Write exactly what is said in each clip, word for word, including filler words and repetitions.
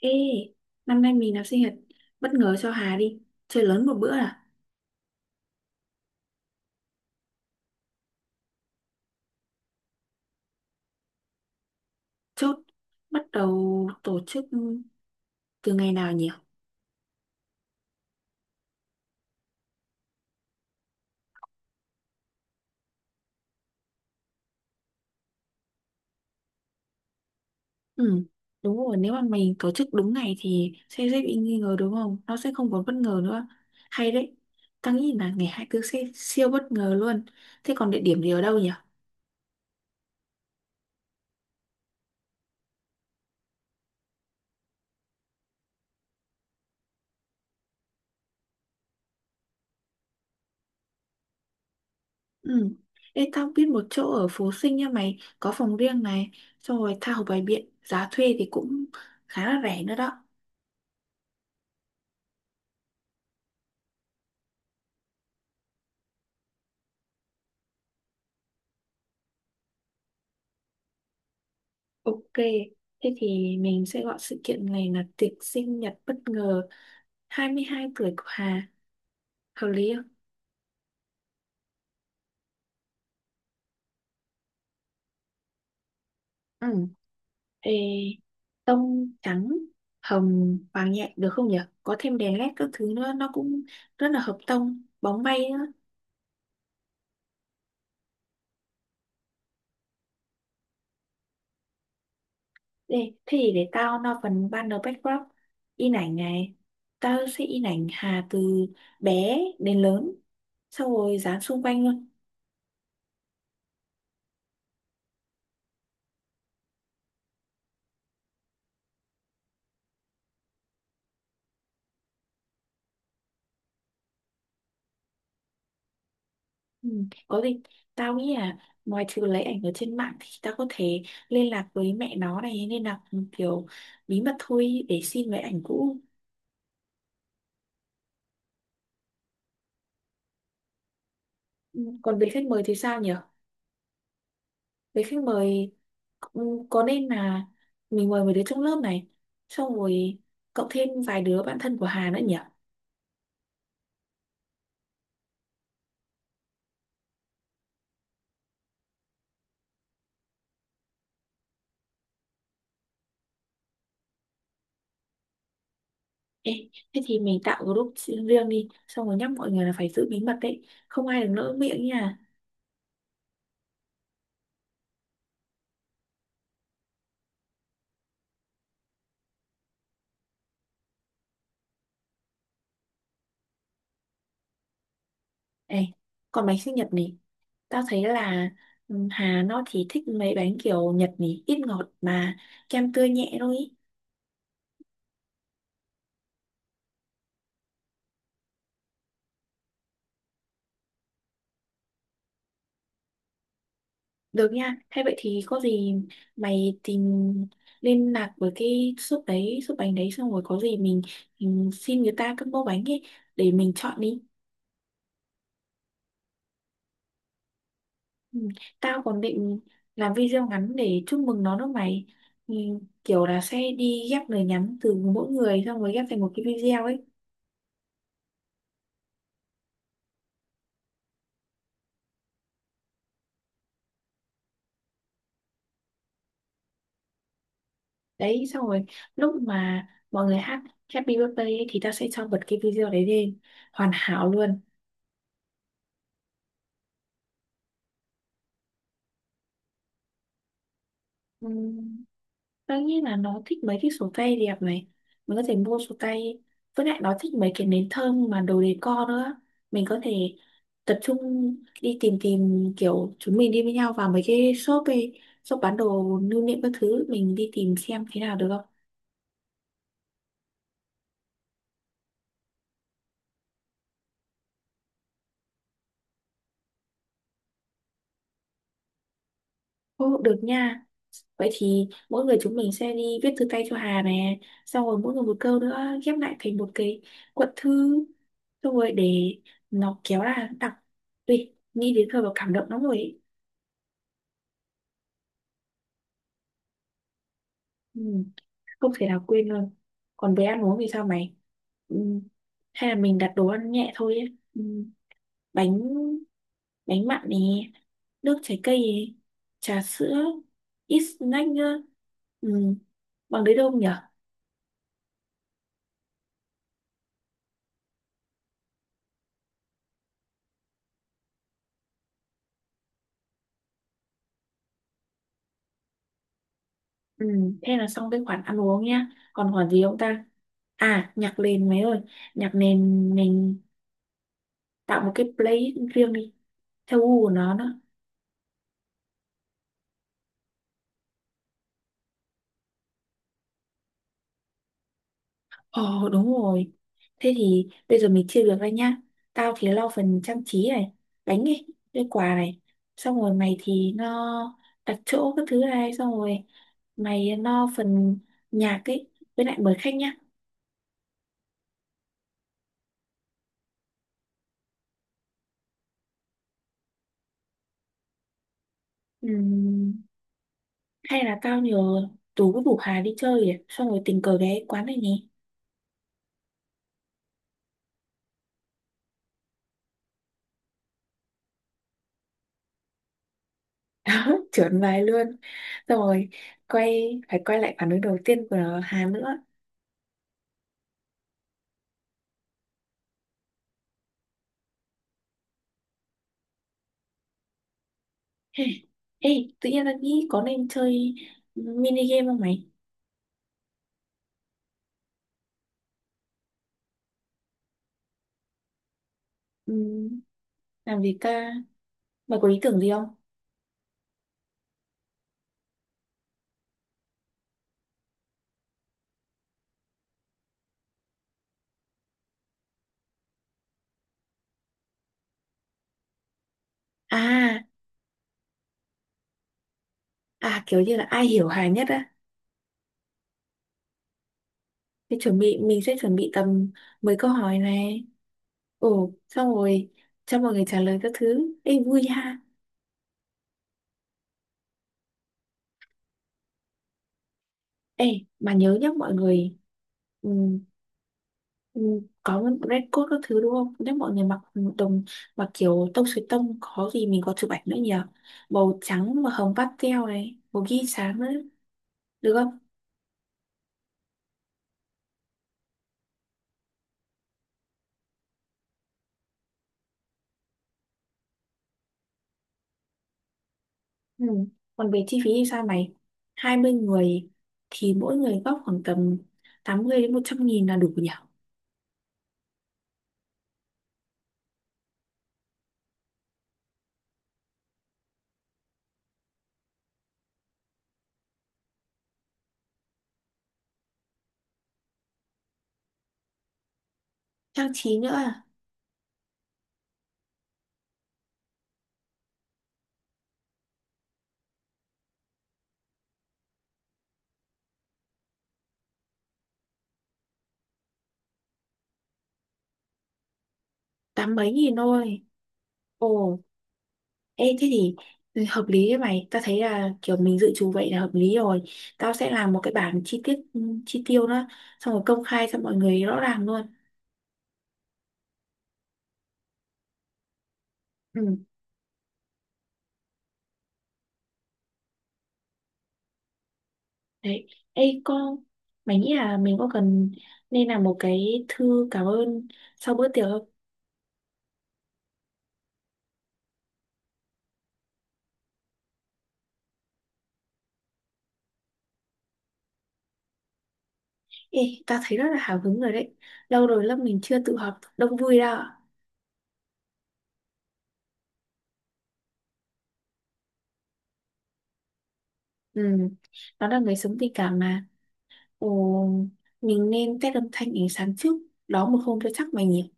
Ê, năm nay mình làm sinh nhật bất ngờ cho Hà đi, chơi lớn một bữa à? Chốt, bắt đầu tổ chức từ ngày nào nhỉ? Ừ, đúng rồi, nếu mà mình tổ chức đúng ngày thì sẽ dễ bị nghi ngờ đúng không? Nó sẽ không còn bất ngờ nữa. Hay đấy, tao nghĩ là ngày hai tư sẽ siêu bất ngờ luôn. Thế còn địa điểm thì ở đâu nhỉ? Ừ, ê, tao biết một chỗ ở Phú Sinh nha mày, có phòng riêng này, xong rồi tha hồ bày biện, giá thuê thì cũng khá là rẻ nữa đó. Ok, thế thì mình sẽ gọi sự kiện này là tiệc sinh nhật bất ngờ hai mươi hai tuổi của Hà. Hợp lý không? Ừ. Ê, tông trắng, hồng, vàng nhẹ được không nhỉ? Có thêm đèn led các thứ nữa, nó cũng rất là hợp tông, bóng bay nữa. Ê, thế thì để tao lo phần banner backdrop, in ảnh này. Tao sẽ in ảnh Hà từ bé đến lớn, xong rồi dán xung quanh luôn. Ừ, có gì tao nghĩ là ngoài trừ lấy ảnh ở trên mạng thì tao có thể liên lạc với mẹ nó này nên là kiểu bí mật thôi để xin lấy ảnh cũ. Ừ, còn về khách mời thì sao nhỉ? Về khách mời ừ, có nên là mình mời mấy đứa trong lớp này xong rồi cộng thêm vài đứa bạn thân của Hà nữa nhỉ? Ê, thế thì mình tạo group riêng đi xong rồi nhắc mọi người là phải giữ bí mật đấy, không ai được lỡ miệng nha. Ê, còn bánh sinh nhật này, tao thấy là ừ, Hà nó thì thích mấy bánh kiểu Nhật nhỉ, ít ngọt mà kem tươi nhẹ thôi ý. Được nha, thế vậy thì có gì mày tìm liên lạc với cái shop đấy, shop bánh đấy xong rồi có gì mình, mình xin người ta combo bánh ấy để mình chọn đi. Ừ. Tao còn định làm video ngắn để chúc mừng nó đó mày. Ừ, kiểu là sẽ đi ghép lời nhắn từ mỗi người xong rồi ghép thành một cái video ấy. Đấy xong rồi lúc mà mọi người hát Happy Birthday ấy, thì ta sẽ cho bật cái video đấy lên, hoàn hảo luôn. Ừm, đương nhiên là nó thích mấy cái sổ tay đẹp này, mình có thể mua sổ tay, với lại nó thích mấy cái nến thơm mà đồ decor nữa, mình có thể tập trung đi tìm tìm kiểu chúng mình đi với nhau vào mấy cái shop ấy, shop bán đồ lưu niệm các thứ mình đi tìm xem thế nào được không. Ô, được nha. Vậy thì mỗi người chúng mình sẽ đi viết thư tay cho Hà nè, xong rồi mỗi người một câu nữa ghép lại thành một cái cuộn thư, xong rồi để nó kéo ra đọc. Ui, nghĩ đến thôi mà cảm động lắm rồi ấy. Ừ, không thể nào quên luôn. Còn về ăn uống thì sao mày? Ừ, hay là mình đặt đồ ăn nhẹ thôi ấy. Ừ, bánh bánh mặn nè, nước trái cây nè, trà sữa, ít snack nữa, ừ, bằng đấy đâu nhỉ? Ừ, thế là xong cái khoản ăn uống nhá. Còn khoản gì không ta? À, nhạc nền mấy ơi. Nhạc nền mình tạo một cái playlist riêng đi. Theo gu của nó đó. Ồ, đúng rồi. Thế thì bây giờ mình chia việc ra nhá. Tao thì lo phần trang trí này, bánh này, cái quà này. Xong rồi mày thì lo đặt chỗ các thứ này. Xong rồi mày lo phần nhạc ấy. Với lại mời khách nhá. Ừ, hay là tao nhờ Tú với Bủ Hà đi chơi nhỉ? Xong rồi tình cờ ghé quán này nhỉ? Trượt bài luôn, xong rồi quay phải quay lại phản ứng đầu tiên của Hà nữa. Ê, ê, tự nhiên là nghĩ có nên chơi mini game không mày? Ừm, làm gì ta, mày có ý tưởng gì không? à à Kiểu như là ai hiểu Hà nhất á? Thì chuẩn bị mình sẽ chuẩn bị tầm mười câu hỏi này, ồ xong rồi cho mọi người trả lời các thứ, ê vui ha. Ê mà nhớ nhá mọi người, ừ, Ừ, có red coat các thứ đúng không? Nếu mọi người mặc đồng, mặc kiểu tông suối tông có gì mình có chụp ảnh nữa nhỉ? Màu trắng mà hồng pastel này, màu ghi sáng nữa, được không? Ừ. Còn về chi phí thì sao mày? Hai mươi người thì mỗi người góp khoảng tầm tám mươi đến một trăm nghìn là đủ nhỉ? Trang trí nữa à? Tám mấy nghìn thôi. Ồ, ê, thế thì hợp lý đấy mày. Tao thấy là kiểu mình dự trù vậy là hợp lý rồi. Tao sẽ làm một cái bảng chi tiết, ừ, chi tiêu đó. Xong rồi công khai cho mọi người rõ ràng luôn. Ừ, đấy. Ê, con, mày nghĩ là mình có cần nên làm một cái thư cảm ơn sau bữa tiệc không? Ê, tao thấy rất là hào hứng rồi đấy. Lâu rồi lớp mình chưa tụ họp đông vui đâu. Ừ, nó là người sống tình cảm mà. Ồ, mình nên test âm thanh ánh sáng trước. Đó một hôm cho chắc mày nhỉ?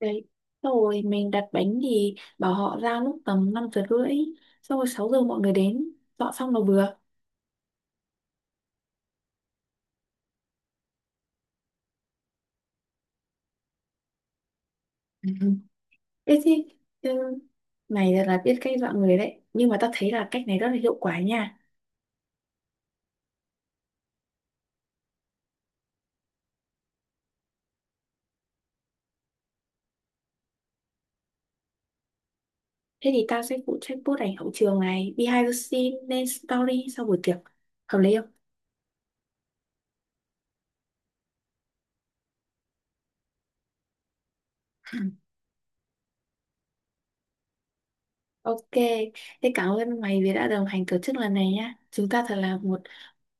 Đấy. Xong rồi mình đặt bánh thì bảo họ ra lúc tầm năm giờ rưỡi, xong rồi sáu giờ mọi người đến, dọn xong là vừa. Ừ. Ê thế ừ, mày thật là biết cách dọn người đấy. Nhưng mà tao thấy là cách này rất là hiệu quả nha. Thế thì tao sẽ phụ trách post ảnh hậu trường này, Behind the scene lên story sau buổi tiệc. Hợp lý không? Ok, thế cảm ơn mày vì đã đồng hành tổ chức lần này nhá. Chúng ta thật là một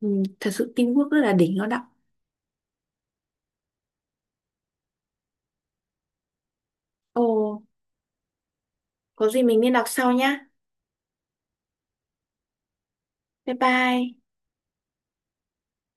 ừ, thật sự teamwork rất là đỉnh nó đậm. Ồ, có gì mình liên lạc sau nhá. Bye bye.